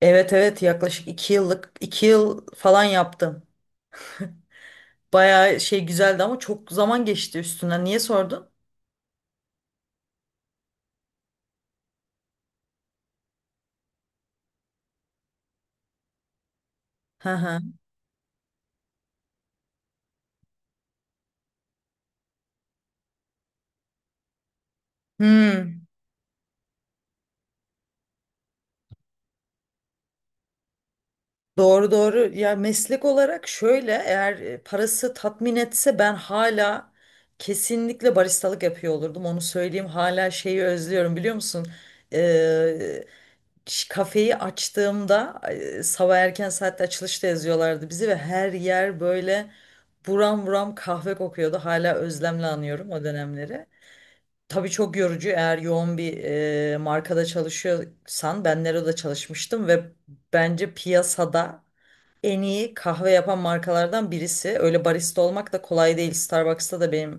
Evet, evet, yaklaşık 2 yıllık 2 yıl falan yaptım. Bayağı şey güzeldi ama çok zaman geçti üstünden. Niye sordun? Hı hı. Hmm. Doğru, doğru. Ya meslek olarak şöyle, eğer parası tatmin etse ben hala kesinlikle baristalık yapıyor olurdum. Onu söyleyeyim, hala şeyi özlüyorum biliyor musun? Ee, Kafeyi açtığımda sabah erken saatte açılışta yazıyorlardı bizi ve her yer böyle buram buram kahve kokuyordu. Hala özlemle anıyorum o dönemleri. Tabii çok yorucu eğer yoğun bir markada çalışıyorsan. Ben Nero'da çalışmıştım ve bence piyasada en iyi kahve yapan markalardan birisi. Öyle barista olmak da kolay değil. Starbucks'ta da benim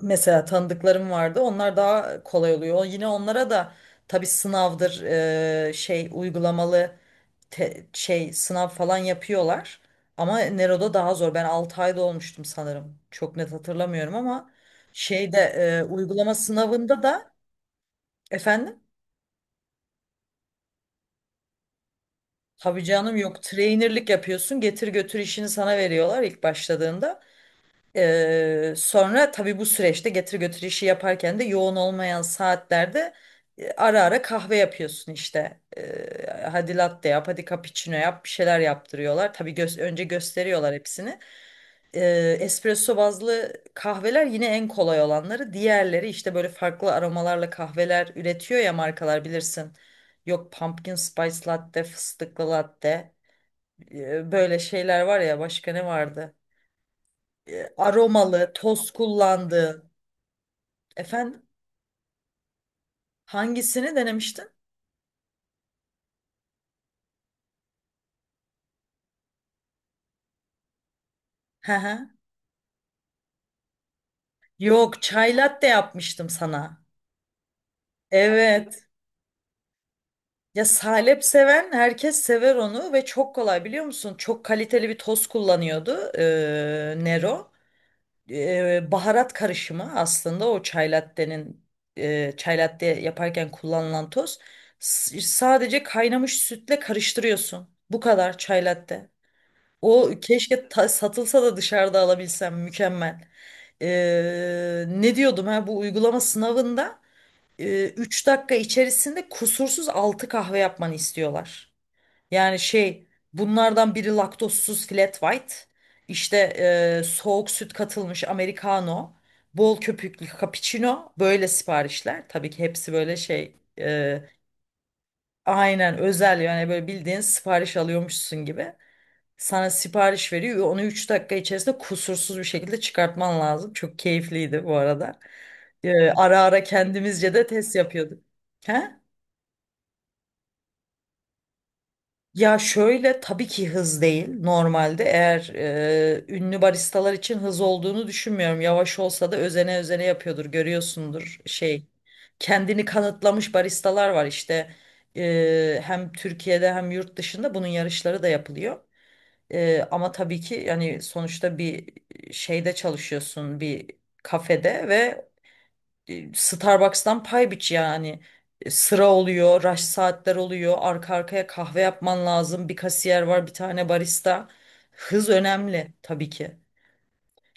mesela tanıdıklarım vardı. Onlar daha kolay oluyor. Yine onlara da tabii sınavdır, şey uygulamalı şey sınav falan yapıyorlar. Ama Nero'da daha zor. Ben 6 ayda olmuştum sanırım. Çok net hatırlamıyorum ama şeyde uygulama sınavında da. Efendim? Tabii canım, yok, trainerlik yapıyorsun. Getir götür işini sana veriyorlar ilk başladığında. Sonra tabii bu süreçte getir götür işi yaparken de yoğun olmayan saatlerde ara ara kahve yapıyorsun işte. Hadi latte yap, hadi cappuccino yap, bir şeyler yaptırıyorlar. Tabii önce gösteriyorlar hepsini. Espresso bazlı kahveler yine en kolay olanları. Diğerleri işte böyle farklı aromalarla kahveler üretiyor ya markalar, bilirsin. Yok, pumpkin spice latte, fıstıklı latte. Böyle şeyler var ya, başka ne vardı? Aromalı, toz kullandığı. Efendim, hangisini denemiştin? Hı hı. Yok, çay latte yapmıştım sana. Evet. Ya salep seven herkes sever onu, ve çok kolay biliyor musun? Çok kaliteli bir toz kullanıyordu Nero. Baharat karışımı aslında o çay latte'nin, çay latte yaparken kullanılan toz. Sadece kaynamış sütle karıştırıyorsun. Bu kadar çay latte. O, keşke satılsa da dışarıda alabilsem, mükemmel. Ne diyordum, ha, bu uygulama sınavında? 3 dakika içerisinde kusursuz 6 kahve yapmanı istiyorlar. Yani şey, bunlardan biri laktozsuz flat white, işte soğuk süt katılmış americano, bol köpüklü cappuccino, böyle siparişler. Tabii ki hepsi böyle şey, aynen özel, yani böyle bildiğin sipariş alıyormuşsun gibi. Sana sipariş veriyor. Onu 3 dakika içerisinde kusursuz bir şekilde çıkartman lazım. Çok keyifliydi bu arada. Ara ara kendimizce de test yapıyorduk. He? Ya şöyle, tabii ki hız değil normalde. Eğer ünlü baristalar için hız olduğunu düşünmüyorum. Yavaş olsa da özene özene yapıyordur, görüyorsundur, şey, kendini kanıtlamış baristalar var işte. Hem Türkiye'de hem yurt dışında bunun yarışları da yapılıyor. Ama tabii ki yani sonuçta bir şeyde çalışıyorsun, bir kafede, ve Starbucks'tan pay biç yani. Sıra oluyor, rush saatler oluyor, arka arkaya kahve yapman lazım. Bir kasiyer var, bir tane barista. Hız önemli tabii ki.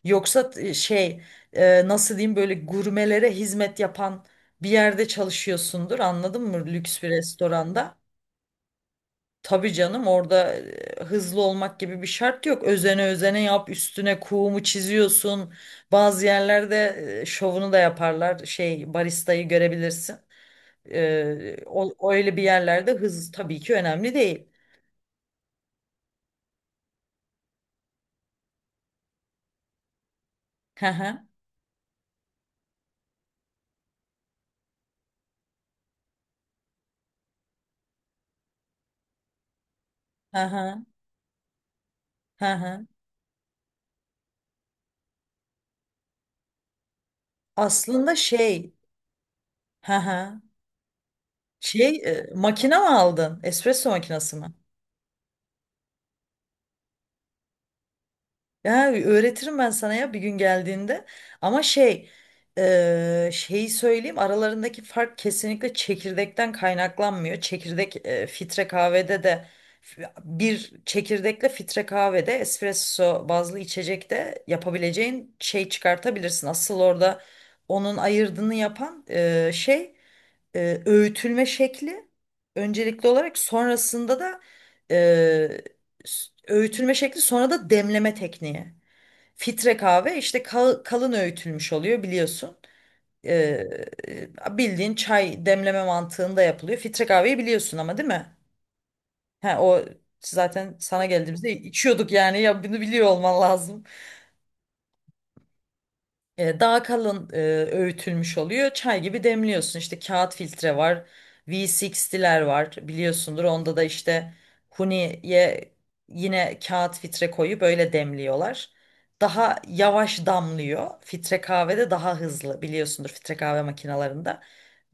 Yoksa şey, nasıl diyeyim, böyle gurmelere hizmet yapan bir yerde çalışıyorsundur, anladın mı? Lüks bir restoranda. Tabii canım, orada hızlı olmak gibi bir şart yok. Özene özene yap, üstüne kuğumu çiziyorsun. Bazı yerlerde şovunu da yaparlar. Şey, baristayı görebilirsin. Öyle bir yerlerde hız tabii ki önemli değil. Hı hı, hı hı, hı hı. Aslında şey, hı hı. Şey, makine mi aldın? Espresso makinesi mi? Ya öğretirim ben sana ya, bir gün geldiğinde. Ama şey, şeyi söyleyeyim, aralarındaki fark kesinlikle çekirdekten kaynaklanmıyor. Çekirdek filtre kahvede de bir çekirdekle filtre kahvede espresso bazlı içecekte yapabileceğin şey çıkartabilirsin. Asıl orada onun ayırdığını yapan şey, öğütülme şekli öncelikli olarak, sonrasında da eee, öğütülme şekli, sonra da demleme tekniği. Fitre kahve işte kalın öğütülmüş oluyor biliyorsun. Ee, Bildiğin çay demleme mantığında yapılıyor. Fitre kahveyi biliyorsun ama, değil mi? He, o zaten sana geldiğimizde içiyorduk yani, ya bunu biliyor olman lazım. Daha kalın öğütülmüş oluyor. Çay gibi demliyorsun. İşte kağıt filtre var. V60'ler var biliyorsundur. Onda da işte huniye yine kağıt filtre koyup böyle demliyorlar. Daha yavaş damlıyor. Filtre kahvede daha hızlı, biliyorsundur filtre kahve makinalarında.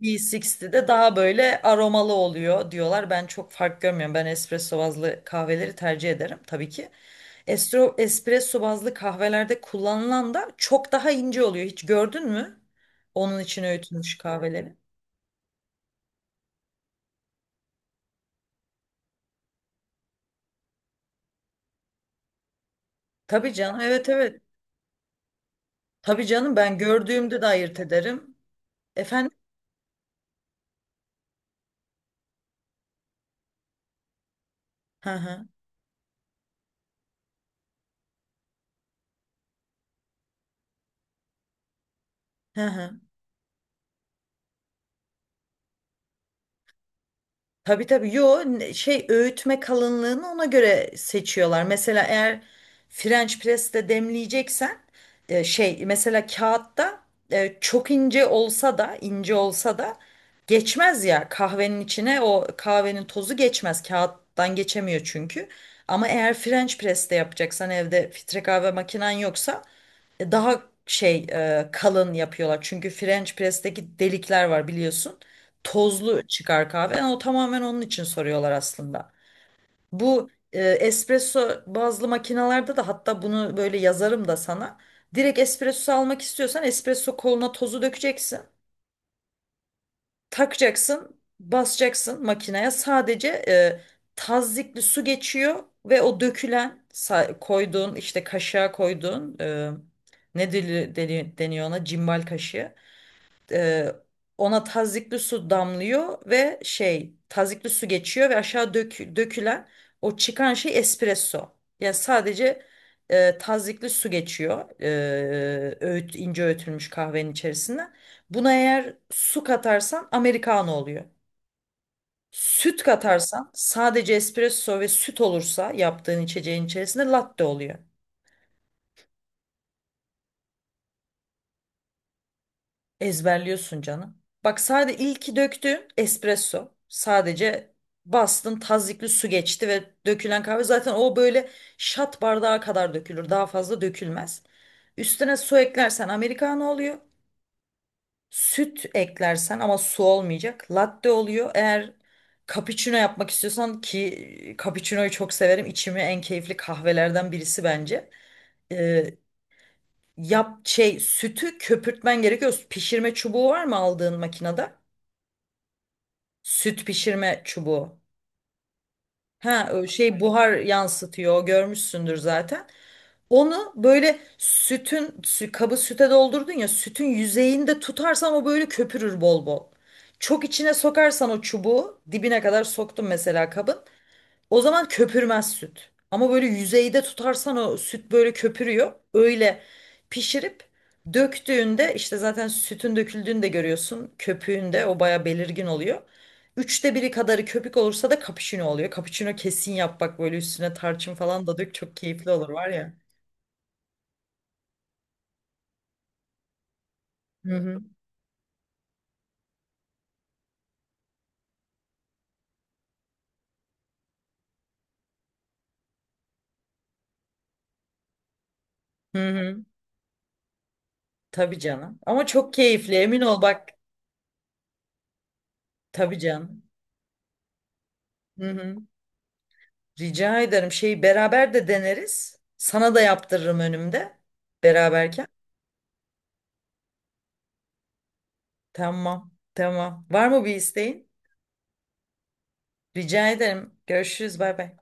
V60'de daha böyle aromalı oluyor diyorlar. Ben çok fark görmüyorum. Ben espresso bazlı kahveleri tercih ederim tabii ki. Espresso bazlı kahvelerde kullanılan da çok daha ince oluyor. Hiç gördün mü onun için öğütülmüş kahveleri? Tabii canım. Evet, evet. Tabii canım, ben gördüğümde de ayırt ederim. Efendim? Hı hı. Hı hı. Tabii, tabii. Yo, şey, öğütme kalınlığını ona göre seçiyorlar. Mesela eğer French press'te demleyeceksen şey, mesela kağıtta çok ince olsa da ince olsa da geçmez ya kahvenin içine, o kahvenin tozu geçmez. Kağıttan geçemiyor çünkü. Ama eğer French press'te yapacaksan, evde filtre kahve makinen yoksa, daha şey, kalın yapıyorlar. Çünkü French press'teki delikler var biliyorsun, tozlu çıkar kahve. Yani o tamamen onun için soruyorlar aslında. Bu espresso bazlı makinalarda da hatta, bunu böyle yazarım da sana. Direkt espresso almak istiyorsan espresso koluna tozu dökeceksin. Takacaksın, basacaksın makineye. Sadece tazyikli su geçiyor ve o dökülen, koyduğun, işte kaşığa koyduğun, ne deniyor ona, cimbal kaşığı, e, ona tazikli su damlıyor ve şey, tazikli su geçiyor ve aşağı dökülen, o çıkan şey espresso. Yani sadece tazikli su geçiyor ince öğütülmüş kahvenin içerisine. Buna eğer su katarsan americano oluyor. Süt katarsan, sadece espresso ve süt olursa yaptığın içeceğin içerisinde, latte oluyor. Ezberliyorsun canım. Bak, sadece ilki döktüğün espresso. Sadece bastın, tazyikli su geçti ve dökülen kahve zaten o böyle şat bardağı kadar dökülür. Daha fazla dökülmez. Üstüne su eklersen americano oluyor. Süt eklersen, ama su olmayacak, latte oluyor. Eğer cappuccino yapmak istiyorsan, ki cappuccino'yu çok severim, İçimi en keyifli kahvelerden birisi bence. Ee, Yap, şey, sütü köpürtmen gerekiyor. Pişirme çubuğu var mı aldığın makinede? Süt pişirme çubuğu. Ha, şey, buhar yansıtıyor, görmüşsündür zaten. Onu böyle sütün, kabı süte doldurdun ya, sütün yüzeyinde tutarsan o böyle köpürür bol bol. Çok içine sokarsan, o çubuğu dibine kadar soktum mesela kabın, o zaman köpürmez süt. Ama böyle yüzeyde tutarsan o süt böyle köpürüyor. Öyle pişirip döktüğünde işte zaten sütün döküldüğünü de görüyorsun. Köpüğünde o baya belirgin oluyor. 1/3 kadarı köpük olursa da cappuccino oluyor. Cappuccino kesin yap, bak, böyle üstüne tarçın falan da dök, çok keyifli olur var ya. Hı hı. Hı hı. Tabii canım. Ama çok keyifli, emin ol bak. Tabii canım. Hı hı. Rica ederim. Şeyi beraber de deneriz, sana da yaptırırım önümde. Beraberken. Tamam, tamam. Var mı bir isteğin? Rica ederim. Görüşürüz. Bay bay.